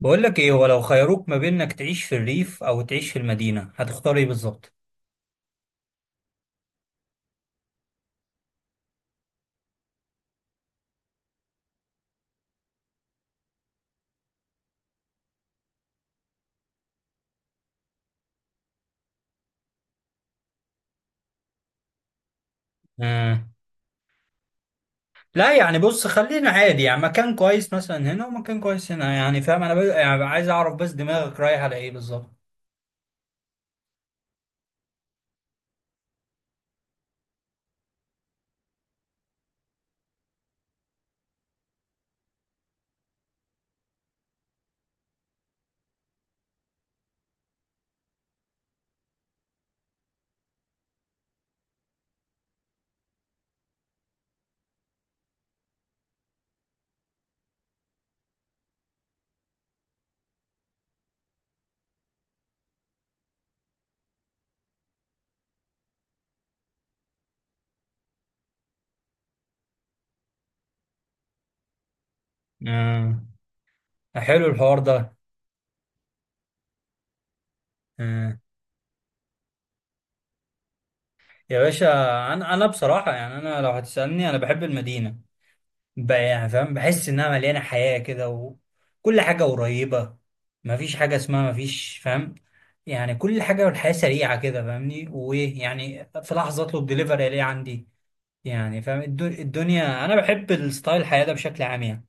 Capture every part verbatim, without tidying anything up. بقول لك ايه؟ ولو خيروك ما بين انك تعيش في الريف او تعيش في المدينة، هتختار ايه بالظبط؟ آه. لا يعني بص، خلينا عادي، يعني مكان كويس مثلا هنا ومكان كويس هنا، يعني فاهم انا ب... يعني عايز اعرف بس دماغك رايح على ايه بالظبط. آه. حلو الحوار ده. آه. يا باشا، انا انا بصراحة، يعني انا لو هتسألني انا بحب المدينة بقى، يعني فاهم، بحس انها مليانه حياه كده وكل حاجه قريبه، مفيش حاجه اسمها مفيش، فاهم؟ يعني كل حاجه، والحياه سريعه كده، فاهمني؟ وايه يعني، في لحظه اطلب دليفري الاقيه عندي، يعني فاهم الدو- الدنيا. انا بحب الستايل الحياه ده بشكل عام يعني.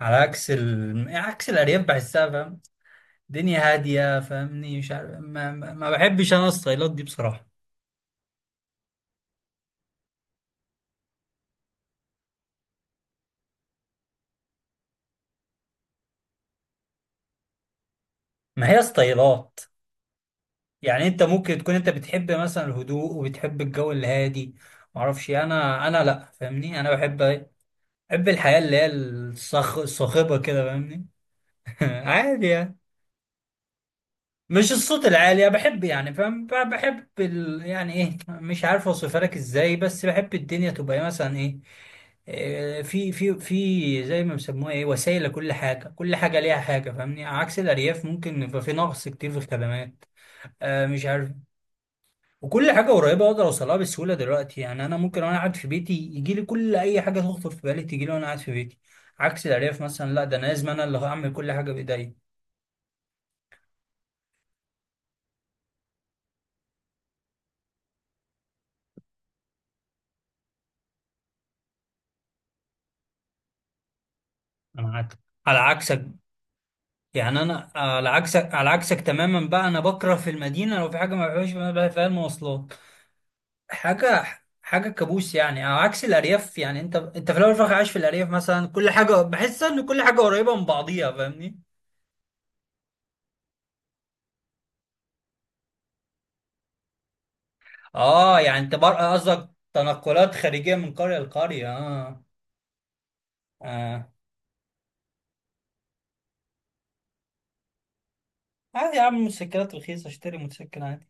على عكس ال... عكس الارياف، بحسها فاهم، دنيا هاديه، فاهمني؟ مش عارف، ما, ما ما بحبش انا الستايلات دي بصراحه. ما هي ستايلات، يعني انت ممكن تكون انت بتحب مثلا الهدوء وبتحب الجو الهادي، معرفش إيه. انا انا لا، فاهمني، انا بحب ايه؟ بحب الحياة اللي هي الصخ... الصاخبة كده، فاهمني؟ عادي يعني. مش الصوت العالي، أنا بحب يعني فاهم، ب- بحب ال... يعني ايه، مش عارف اوصفها لك ازاي، بس بحب الدنيا تبقى إيه، مثلا ايه، إيه، في في في زي ما بيسموها ايه، وسائل لكل حاجة، كل حاجة ليها حاجة، فاهمني؟ عكس الأرياف ممكن يبقى في نقص كتير في الخدمات. آه مش عارف. وكل حاجة قريبة أقدر أوصلها بسهولة دلوقتي، يعني أنا ممكن وأنا قاعد في بيتي يجي لي كل أي حاجة تخطر في بالي تجي لي وأنا قاعد في بيتي. عكس الأرياف مثلا، لا ده أنا لازم أنا اللي هعمل كل حاجة بإيديا. أنا معاك. على عكسك، يعني أنا على عكسك، على عكسك تماما بقى، أنا بكره في المدينة لو في حاجة ما بحبهاش بقى فيها، المواصلات، حاجة، حاجة كابوس يعني، على عكس الأرياف. يعني أنت أنت في الأول وفي الآخر عايش في الأرياف مثلا، كل حاجة بحس إن كل حاجة قريبة من بعضيها، فاهمني؟ آه، يعني أنت بر- قصدك تنقلات خارجية من قرية لقرية، آه. آه. عادي يا عم، الموتوسيكلات رخيصة، اشتري موتوسيكل عادي.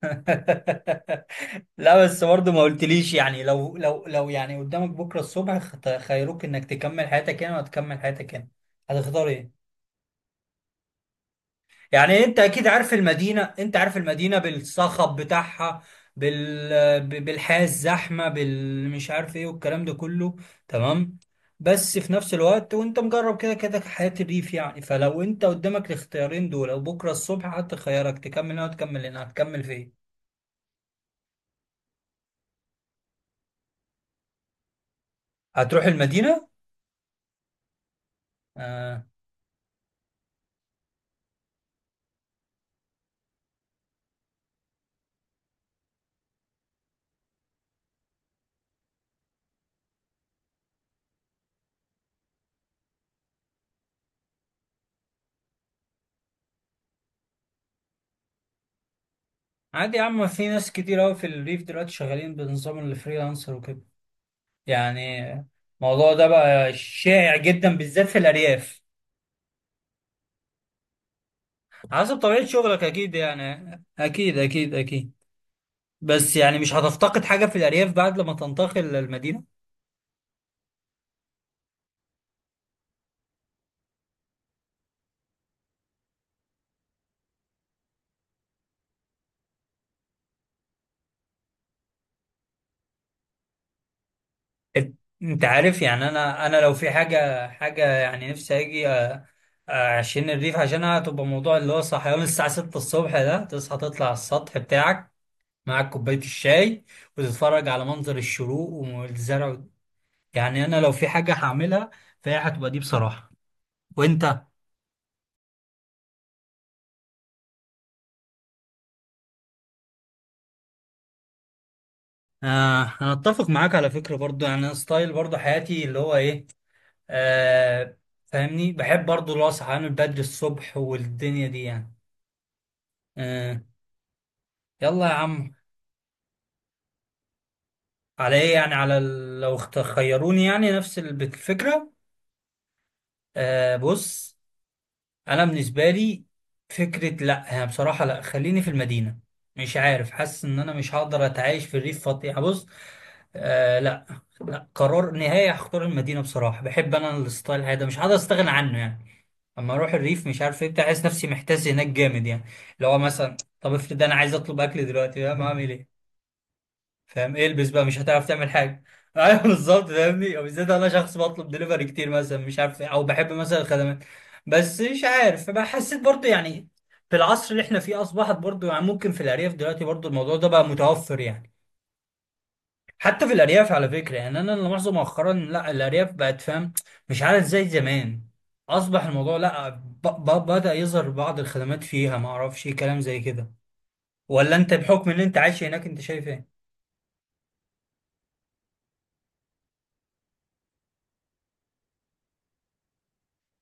لا بس برضه ما قلتليش، يعني لو لو لو يعني قدامك بكرة الصبح، خت- خيروك انك تكمل حياتك هنا ولا تكمل حياتك هنا، هتختار ايه؟ يعني انت اكيد عارف المدينه، انت عارف المدينه بالصخب بتاعها، بال ب- بالحياه الزحمه، بالمش عارف ايه، والكلام ده كله. تمام. بس في نفس الوقت وانت مجرب كده كده حياه الريف يعني، فلو انت قدامك الاختيارين دول، او بكره الصبح حتى خيارك تكمل هنا وتكمل هنا، هتكمل فين؟ هتروح المدينه. آه. عادي يا عم، في ناس كتير قوي في الريف دلوقتي شغالين بنظام الفريلانسر وكده، يعني الموضوع ده بقى شائع جدا بالذات في الارياف. حسب طبيعة شغلك أكيد يعني، أكيد أكيد أكيد. بس يعني مش هتفتقد حاجة في الأرياف بعد لما تنتقل للمدينة؟ أنت، أنت عارف يعني، أنا أنا لو في حاجة، حاجة يعني نفسي أجي أ- أعشين الريف عشانها، هتبقى موضوع اللي هو صحيان الساعة ستة الصبح ده، تصحى تطلع على السطح بتاعك، معاك كوباية الشاي، وتتفرج على منظر الشروق والزرع، يعني أنا لو في حاجة هعملها فهي هتبقى دي بصراحة. وأنت آه، أنا أتفق معاك على فكرة برضو، يعني أنا ستايل برضو حياتي اللي هو إيه، آه، فاهمني، بحب برضو اللي هو صحيان بدري الصبح والدنيا دي يعني. آه. يلا يا عم. على ايه يعني، على ال- لو اخت- خيروني يعني، نفس الب- الفكرة. آه بص، انا بالنسبة لي فكرة، لا يعني بصراحة لا، خليني في المدينة، مش عارف، حاسس ان انا مش هقدر اتعايش في الريف فاضي يعني، بص. آه لا، لا قرار نهائي، هختار المدينة بصراحة، بحب انا الستايل هذا، مش هقدر استغنى عنه يعني. اما اروح الريف مش عارف ايه بتاع، احس نفسي محتاس هناك جامد يعني، اللي هو مثلا، طب افرض انا عايز اطلب اكل دلوقتي، فاهم اعمل ايه؟ فاهم إيه البس بقى، مش هتعرف تعمل حاجه. ايوه بالظبط، فاهمني؟ او بالذات انا شخص بطلب دليفري كتير مثلا، مش عارف إيه، او بحب مثلا الخدمات. بس مش عارف بقى، حسيت برضه يعني في العصر اللي احنا فيه اصبحت برضه يعني، ممكن في الارياف دلوقتي برضه الموضوع ده بقى متوفر يعني. حتى في الأرياف على فكرة يعني، أنا اللي ملاحظه مؤخرا، لا، الأرياف بقت فاهم، مش عارف زي زمان، أصبح الموضوع لا، ب ب بدأ يظهر بعض الخدمات فيها، ما أعرفش إيه كلام زي كده. ولا أنت بحكم إن أنت عايش هناك أنت شايف إيه؟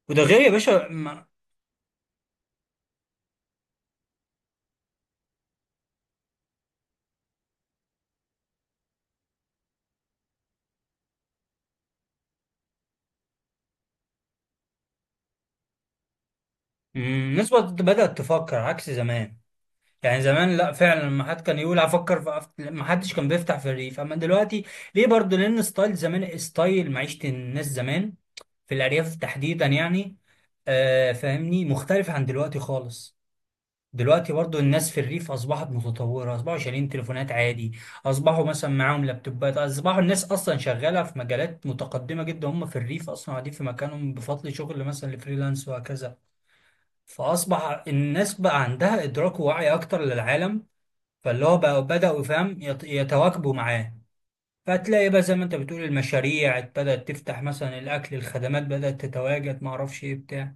وده غير يا باشا ما- مم، الناس بقت- بدأت تفكر عكس زمان. يعني زمان لا فعلا لما حد كان يقول هفكر في أف- ما حدش كان بيفتح في الريف، اما دلوقتي. ليه برضه؟ لان ستايل زمان، ستايل معيشة الناس زمان في الارياف تحديدا يعني، آه فاهمني، مختلف عن دلوقتي خالص. دلوقتي برضو الناس في الريف اصبحت متطوره، اصبحوا شايلين تليفونات عادي، اصبحوا مثلا معاهم لابتوبات، اصبحوا الناس اصلا شغاله في مجالات متقدمه جدا، هم في الريف اصلا قاعدين في مكانهم بفضل شغل مثلا الفريلانس وهكذا، فاصبح الناس بقى عندها ادراك ووعي اكتر للعالم. فاللي هو بقى بدأوا فاهم يت- يتواكبوا معاه. فتلاقي بقى زي ما انت بتقول، المشاريع بدأت تفتح، مثلا الأكل، الخدمات بدأت تتواجد، ما اعرفش ايه بتاع.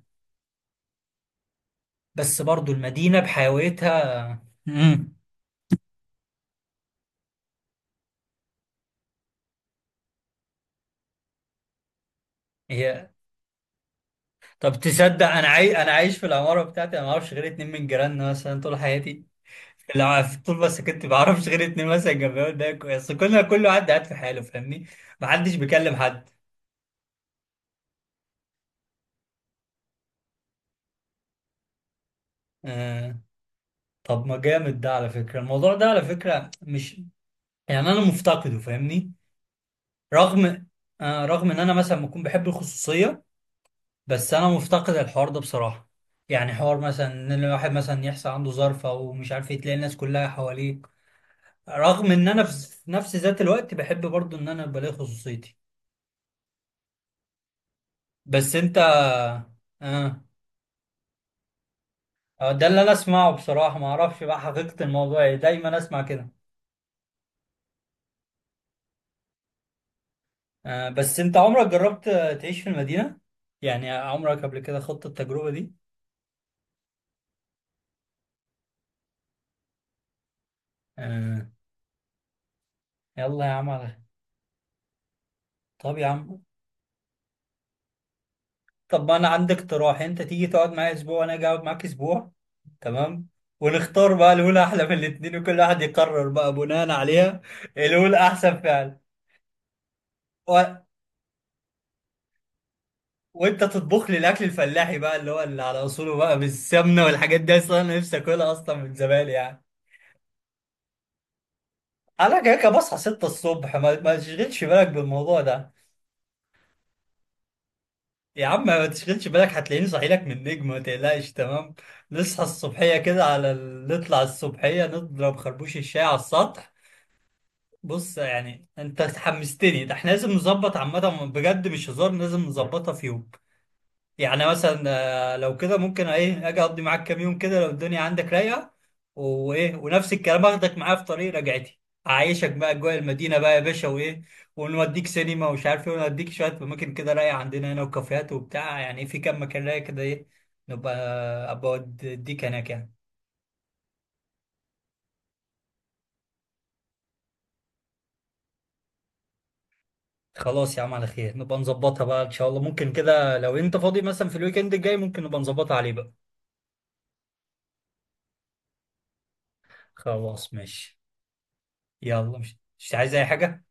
بس برضو المدينة بحيويتها. امم هي. طب تصدق، انا عاي... انا عايش في العمارة بتاعتي، انا ما اعرفش غير اتنين من جيراننا مثلا طول حياتي، لا طول ما سكنت ما اعرفش غير اتنين مثلا جنبي، وده كويس، كلنا كل واحد قاعد في حاله فاهمني؟ ما حدش بيكلم حد. آه... طب ما جامد ده على فكرة، الموضوع ده على فكرة مش يعني انا مفتقده، فاهمني؟ رغم آه، رغم ان انا مثلا بكون بحب الخصوصيه، بس انا مفتقد الحوار ده بصراحه، يعني حوار مثلا ان الواحد مثلا يحصل عنده ظرف او مش عارف ايه، تلاقي الناس كلها حواليك، رغم ان انا في نفس ذات الوقت بحب برضو ان انا بلاقي خصوصيتي. بس انت اه آه، ده اللي انا اسمعه بصراحه، ما اعرفش بقى حقيقه الموضوع ايه، دايما اسمع كده. آه بس انت عمرك جربت آه، تعيش في المدينه؟ يعني عمرك قبل كده خضت التجربه دي؟ آه. يلا يا عم على. طب يا عم، طب ما انا عندي اقتراح، انت تيجي تقعد معايا اسبوع وانا اجي اقعد معاك اسبوع، تمام؟ ونختار بقى الاولى احلى من الاتنين، وكل واحد يقرر بقى بناء عليها. الاولى احسن فعلا. و... وانت تطبخ لي الاكل الفلاحي بقى اللي هو اللي على اصوله بقى، بالسمنه والحاجات دي، اصلا انا نفسي اكلها اصلا من زمان يعني. انا كده كده بصحى ستة الصبح، ما, ما تشغلش بالك بالموضوع ده. يا عم ما تشغلش بالك، هتلاقيني صاحي لك من النجم، ما تقلقش، تمام. نصحى الصبحيه كده على ال- نطلع الصبحيه نضرب خربوش الشاي على السطح. بص يعني انت حمستني، ده احنا لازم نظبط عامة بجد، مش هزار، لازم نظبطها في يوم. يعني مثلا آه، لو كده ممكن ايه اجي اقضي معاك كام يوم كده لو الدنيا عندك رايقة، وايه، ونفس الكلام اخدك معايا في طريق رجعتي، اعيشك بقى اجواء المدينة بقى يا باشا، وايه، ونوديك سينما ومش عارف ايه، ونوديك شوية اماكن كده رايقة عندنا هنا، وكافيهات وبتاع، يعني في كام مكان رايق كده ايه، نبقى آه، ابقى اوديك هناك يعني. خلاص يا عم على خير، نبقى نظبطها بقى ان شاء الله، ممكن كده لو انت فاضي مثلا في الويك اند الجاي ممكن نبقى نظبطها عليه بقى. خلاص ماشي. يلا، مش مش عايز اي حاجة.